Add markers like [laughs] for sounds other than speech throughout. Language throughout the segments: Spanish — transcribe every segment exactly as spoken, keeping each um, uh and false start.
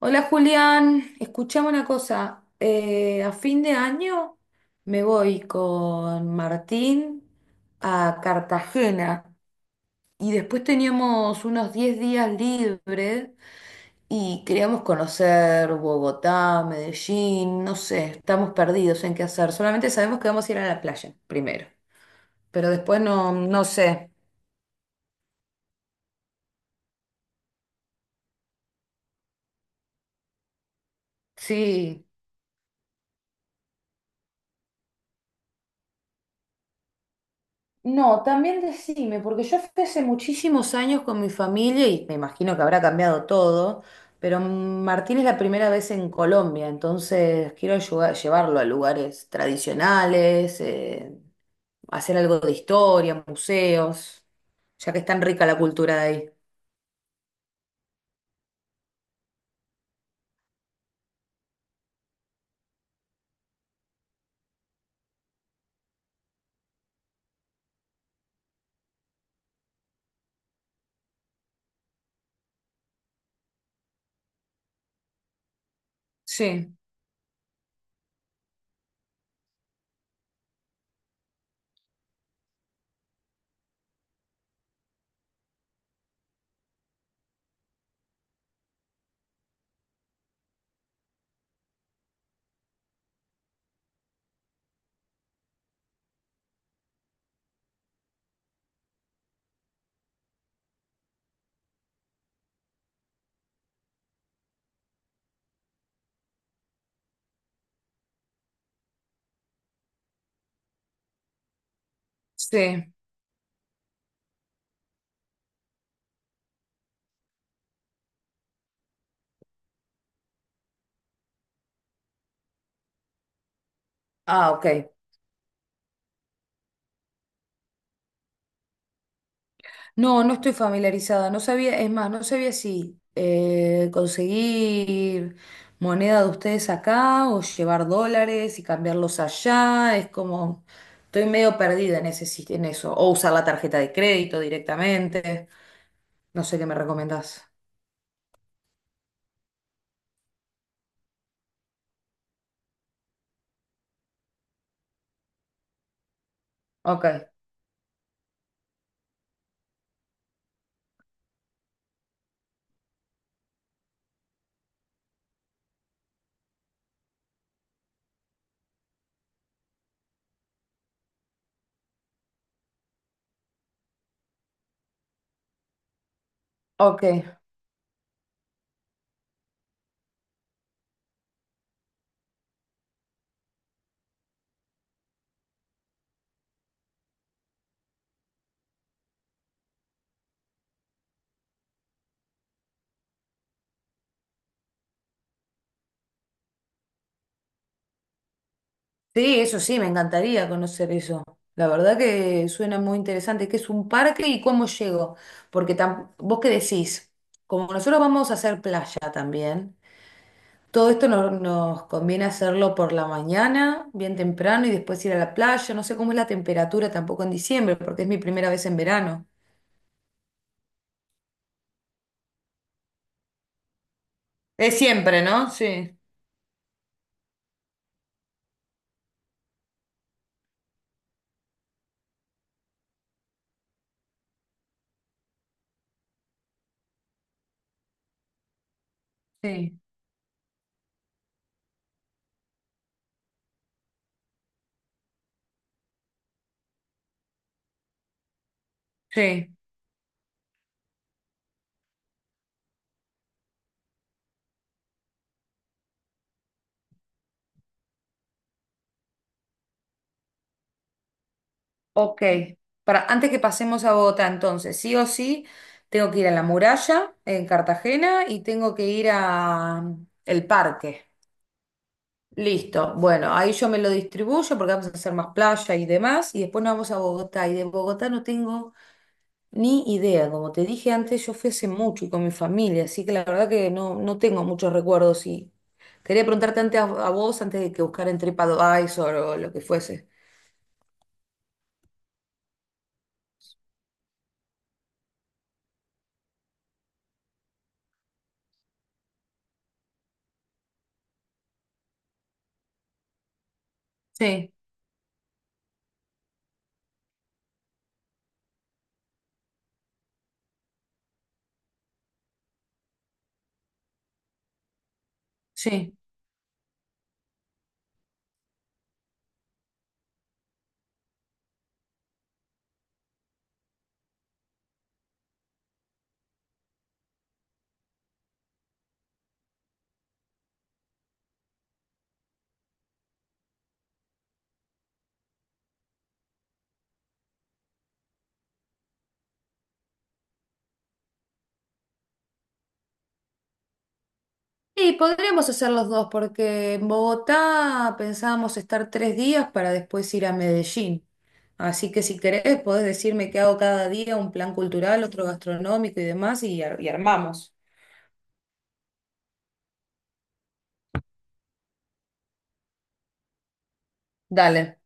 Hola Julián, escuchame una cosa. Eh, a fin de año me voy con Martín a Cartagena y después teníamos unos diez días libres y queríamos conocer Bogotá, Medellín, no sé, estamos perdidos en qué hacer. Solamente sabemos que vamos a ir a la playa primero, pero después no, no sé. Sí. No, también decime, porque yo fui hace muchísimos años con mi familia y me imagino que habrá cambiado todo, pero Martín es la primera vez en Colombia, entonces quiero ayudar- llevarlo a lugares tradicionales, eh, hacer algo de historia, museos, ya que es tan rica la cultura de ahí. Sí, sí. Ah, ok. No, no estoy familiarizada, no sabía, es más, no sabía si eh, conseguir moneda de ustedes acá o llevar dólares y cambiarlos allá, es como, estoy medio perdida en ese, sis- en eso, o usar la tarjeta de crédito directamente, no sé qué me recomendás. Ok, ok. Sí, eso sí, me encantaría conocer eso. La verdad que suena muy interesante. ¿Qué es un parque y cómo llego, porque tam- vos qué decís, como nosotros vamos a hacer playa también? Todo esto no- nos conviene hacerlo por la mañana, bien temprano, y después ir a la playa. No sé cómo es la temperatura tampoco en diciembre, porque es mi primera vez en verano. Es siempre, ¿no? Sí, sí, sí. Ok. Para, antes que pasemos a Bogotá, entonces, sí o sí, tengo que ir a la muralla en Cartagena y tengo que ir a mm, el parque. Listo. Bueno, ahí yo me lo distribuyo porque vamos a hacer más playa y demás. Y después nos vamos a Bogotá. Y de Bogotá no tengo ni idea, como te dije antes. Yo fui hace mucho y con mi familia, así que la verdad que no, no tengo muchos recuerdos y quería preguntarte antes a, a vos antes de que buscar en TripAdvisor o lo que fuese. Sí, sí. Y podríamos hacer los dos, porque en Bogotá pensábamos estar tres días para después ir a Medellín. Así que si querés, podés decirme qué hago cada día, un plan cultural, otro gastronómico y demás, y, ar- y armamos. Dale.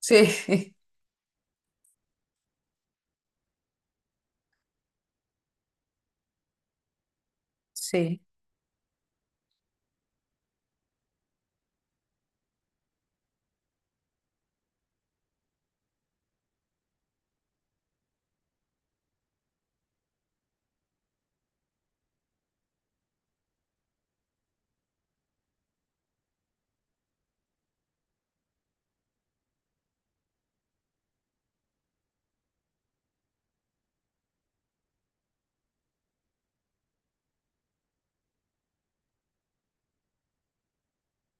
Sí, [laughs] sí.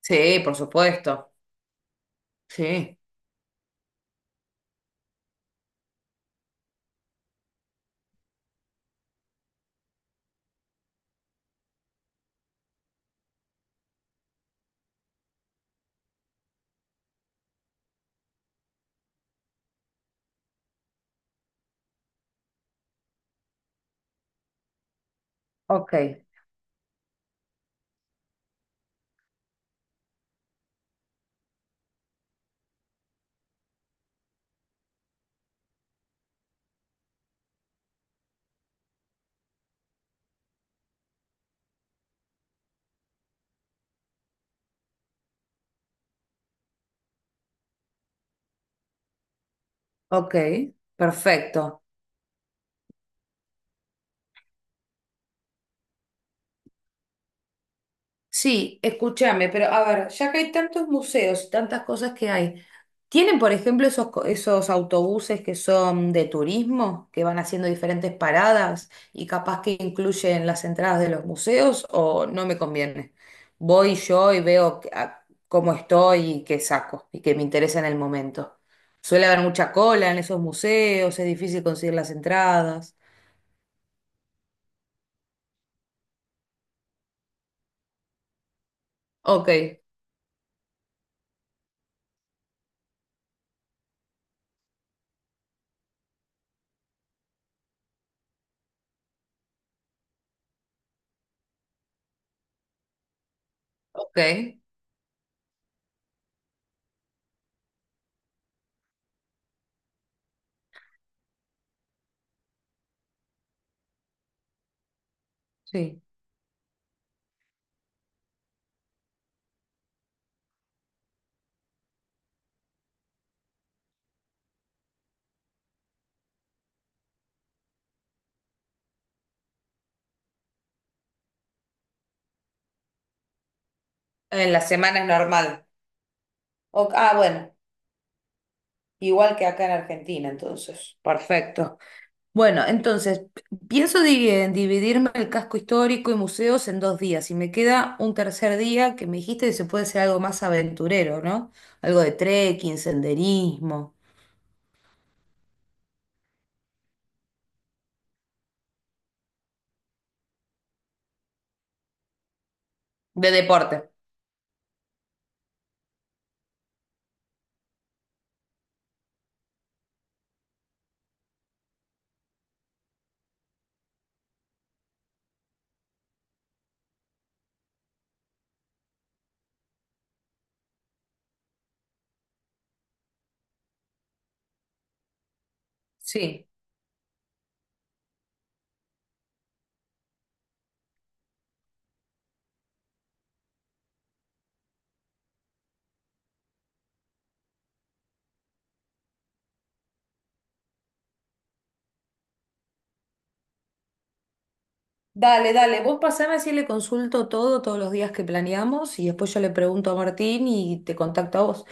Sí, por supuesto. Sí. Ok, ok, perfecto. Sí, escúchame, pero a ver, ya que hay tantos museos y tantas cosas que hay, ¿tienen, por ejemplo, esos, co- esos autobuses que son de turismo, que van haciendo diferentes paradas y capaz que incluyen las entradas de los museos, o no me conviene? Voy yo y veo que- a- cómo estoy y qué saco y qué me interesa en el momento. Suele haber mucha cola en esos museos, es difícil conseguir las entradas. Ok, ok, sí. En la semana es normal. O- ah, bueno, igual que acá en Argentina, entonces. Perfecto. Bueno, entonces, pienso di- en dividirme el casco histórico y museos en dos días. Y me queda un tercer día que me dijiste que se puede ser algo más aventurero, ¿no? Algo de trekking, senderismo, de deporte. Sí. Dale, dale. Vos pasame si le consulto todo, todos los días que planeamos, y después yo le pregunto a Martín y te contacto a vos.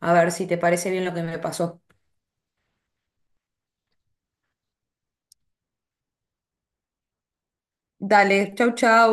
A ver si te parece bien lo que me pasó. Dale, chau, chau.